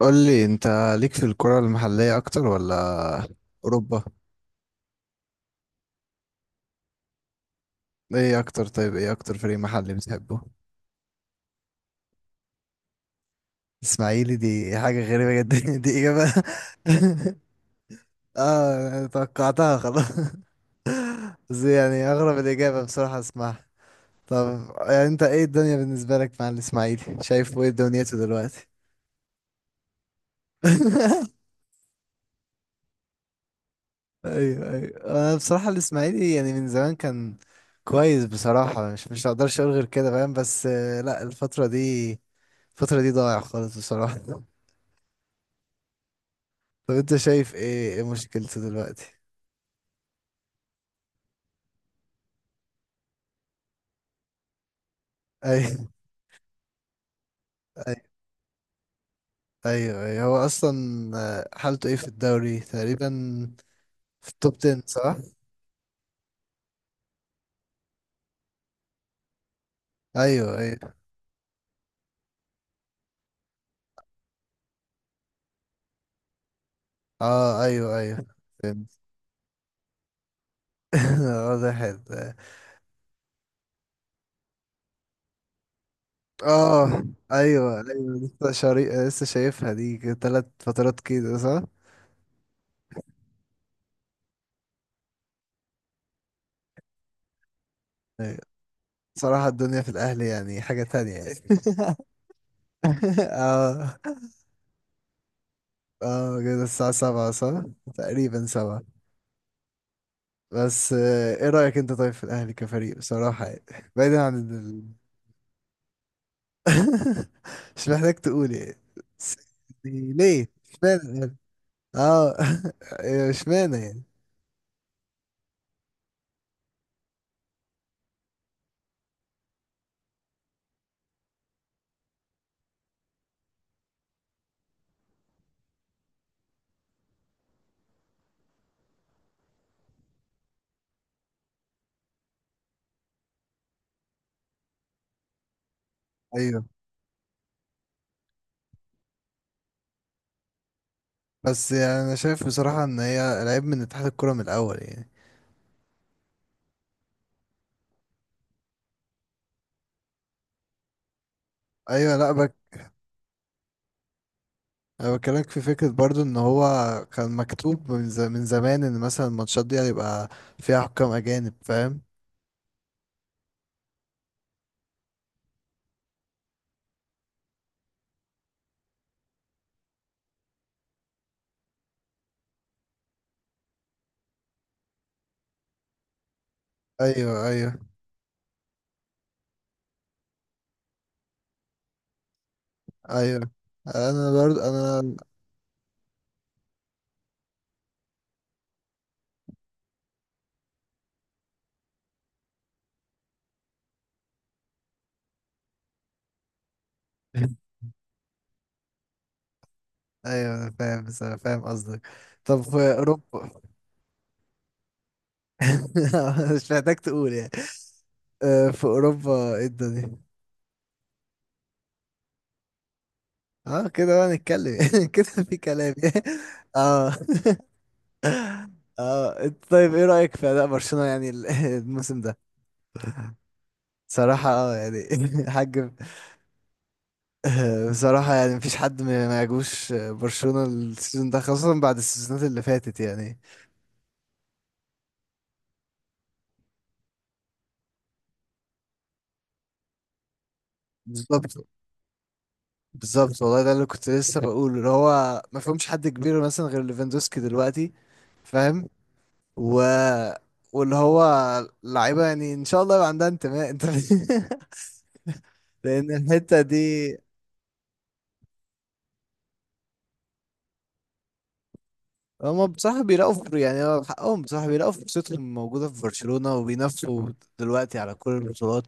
قول لي انت، ليك في الكرة المحلية اكتر ولا اوروبا؟ ايه اكتر طيب، ايه اكتر فريق محلي بتحبه؟ اسماعيلي دي حاجة غريبة جدا. دي اجابة. اه انا توقعتها خلاص. بس يعني اغرب الاجابة بصراحة اسمعها. طب، يعني انت ايه الدنيا بالنسبة لك مع الاسماعيلي؟ شايف ايه دنيته دلوقتي؟ ايوه ايوه، انا بصراحة الاسماعيلي يعني من زمان كان كويس بصراحة، مش هقدرش اقول غير كده فاهم، بس لا الفترة دي ضايع خالص بصراحة. طب انت شايف ايه مشكلته دلوقتي؟ ايوه ايوه ايوه ايوه، هو اصلا حالته ايه في الدوري تقريبا؟ في التوب 10 صح؟ ايوه ايوه اه ايوه ايوه، فهمت. واضح اه ايوه ايوه، لسه شايفها دي ثلاث فترات كده صح؟ ايوه، صراحة الدنيا في الاهلي يعني حاجة تانية يعني. اه. اه كده الساعة 7 صح؟ تقريبا 7. بس ايه رأيك انت طيب في الاهلي كفريق بصراحة يعني بعيدا عن مش محتاج تقول يعني. بس يعني ليه؟ اشمعنى الأهلي؟ اه. اشمعنى يعني؟ ايوه، بس يعني انا شايف بصراحة ان هي العيب من اتحاد الكرة من الاول يعني. ايوه لا بك. انا بكلمك في فكرة برضو ان هو كان مكتوب من زمان ان مثلا الماتشات دي هيبقى فيها حكام اجانب فاهم. ايوه ايوه ايوه، انا برضو انا. ايوه انا فاهم، بس أنا فاهم قصدك. طب في اوروبا؟ مش محتاج تقول يعني. في اوروبا ايه الدنيا؟ اه كده بقى نتكلم كده. في كلام يعني. اه. اه إنت طيب ايه رأيك في اداء برشلونة يعني الموسم ده؟ صراحة اه يعني. حاج. بصراحة يعني مفيش حد ما يعجبوش برشلونة السيزون ده، خاصة بعد السيزونات اللي فاتت يعني. بالظبط، بالظبط والله ده اللي كنت لسه بقوله، اللي هو ما فيهمش حد كبير مثلا غير ليفاندوسكي دلوقتي. فاهم. و واللي هو لعيبه يعني ان شاء الله يبقى عندها انتماء انت. لان الحته دي، هم بصراحه بيلاقوا يعني هو حقهم بصراحه بيلاقوا فرصتهم موجوده في برشلونه وبينافسوا دلوقتي على كل البطولات.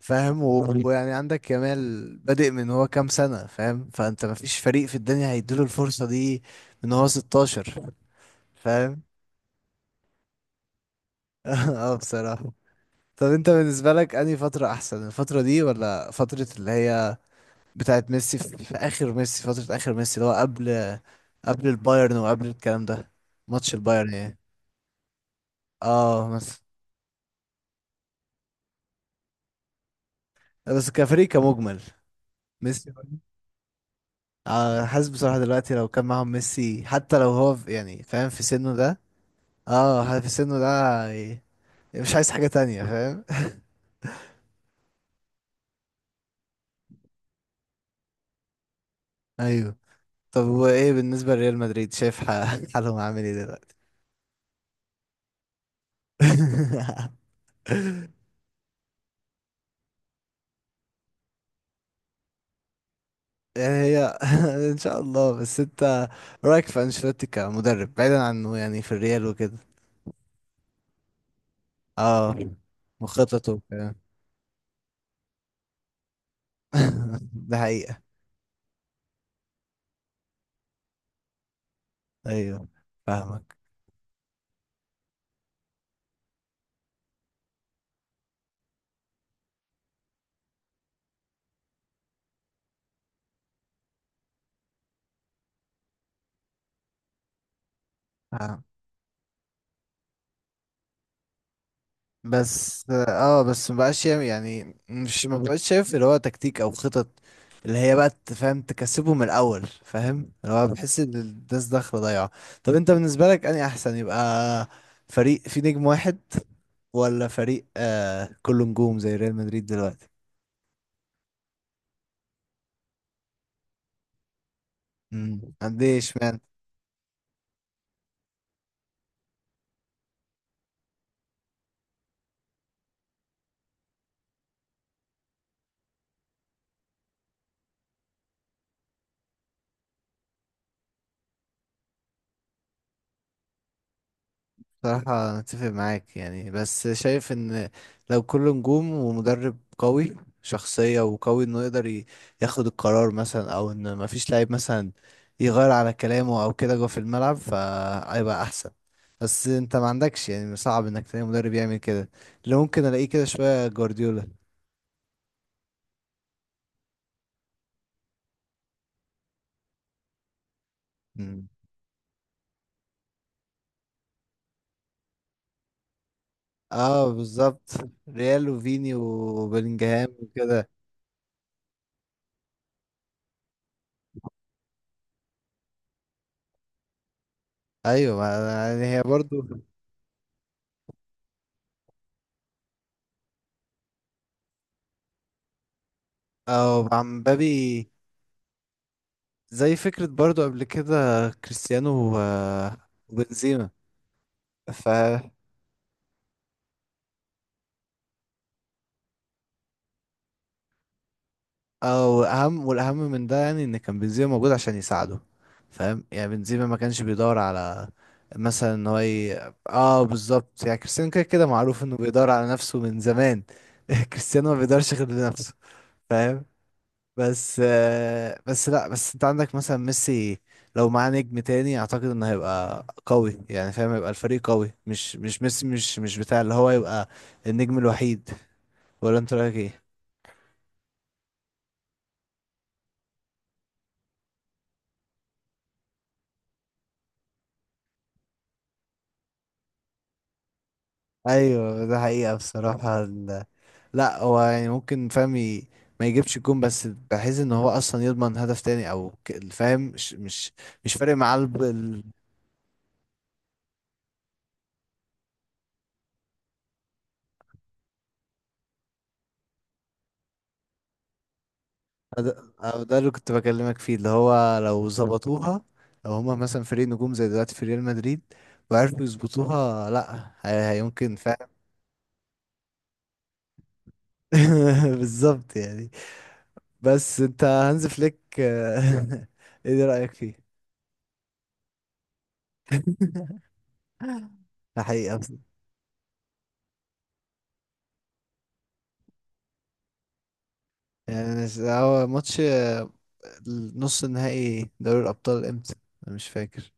فاهم، ويعني عندك كمال بادئ من هو كام سنه، فاهم؟ فانت ما فيش فريق في الدنيا هيديله الفرصه دي. من هو 16، فاهم؟ اه بصراحة. طب انت بالنسبة لك انهي فترة احسن، الفترة دي ولا فترة اللي هي بتاعت ميسي، في اخر ميسي؟ اللي هو قبل البايرن وقبل الكلام ده. ماتش البايرن يعني. اه بس. بس كفريق كمجمل. ميسي. آه، حاسس بصراحة دلوقتي لو كان معاهم ميسي حتى لو هو يعني فاهم في سنه ده. اه في سنه ده. ي- مش عايز حاجة تانية فاهم. ايوه. طب وايه بالنسبة لريال مدريد؟ شايف حالهم عامل ايه دلوقتي؟ يعني. هي. ان شاء الله، بس انت رايك في انشيلوتي كمدرب بعيدا عنه يعني في الريال وكده؟ اه وخططه وكده. ده حقيقة. ايوه فاهمك. آه. بس مبقاش يعني مش مبقاش شايف اللي هو تكتيك او خطط اللي هي بقى تفهم تكسبه من الاول فاهم، اللي هو بحس ان الناس داخله ضايعه. طب انت بالنسبه لك انهي احسن، يبقى فريق فيه نجم واحد ولا فريق كله نجوم زي ريال مدريد دلوقتي؟ قد ايه اشمعنى؟ بصراحة أنا أتفق معاك يعني، بس شايف إن لو كل نجوم ومدرب قوي شخصية وقوي إنه يقدر ياخد القرار مثلا، أو إن مفيش لعيب مثلا يغير على كلامه أو كده جوه في الملعب فهيبقى أحسن. بس أنت ما عندكش، يعني صعب إنك تلاقي مدرب يعمل كده. اللي ممكن ألاقيه كده شوية جوارديولا. مم. اه بالظبط. ريال وفيني وبلينجهام وكده. ايوه يعني هي برضو. اه مع مبابي. زي فكرة برضو قبل كده كريستيانو وبنزيما. ف او اهم والاهم من ده يعني ان كان بنزيما موجود عشان يساعده. فاهم يعني بنزيما ما كانش بيدور على مثلا ان هو اه بالظبط، يعني كريستيانو كده كده معروف انه بيدور على نفسه من زمان. كريستيانو ما بيدورش غير لنفسه. فاهم. بس آه، بس لا بس انت عندك مثلا ميسي لو معاه نجم تاني اعتقد انه هيبقى قوي، يعني فاهم، هيبقى الفريق قوي، مش ميسي، مش مش بتاع اللي هو يبقى النجم الوحيد. ولا انت رايك ايه؟ ايوه ده حقيقة بصراحة لا هو يعني ممكن، فاهم، ما يجيبش الجون بس بحيث ان هو اصلا يضمن هدف تاني او فاهم، مش فارق معاه. ده أو ده اللي كنت بكلمك فيه، اللي هو لو ظبطوها لو هما مثلا فريق نجوم زي دلوقتي في ريال مدريد وعرفوا يظبطوها لا هي- هيمكن فعلا. بالظبط يعني. بس انت هانز فليك، ايه رأيك فيه؟ الحقيقة بس. يعني أنا هو ماتش نص النهائي دوري الأبطال امتى؟ أنا مش فاكر.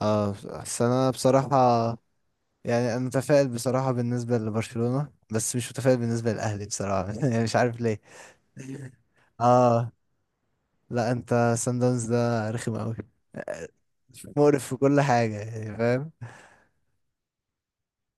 اه بس أنا بصراحة. يعني أنا متفائل بصراحة بالنسبة لبرشلونة بس مش متفائل بالنسبة للأهلي بصراحة يعني مش عارف. اه. لا انت سان داونز ده رخم قوي، مقرف في كل حاجة يعني فاهم.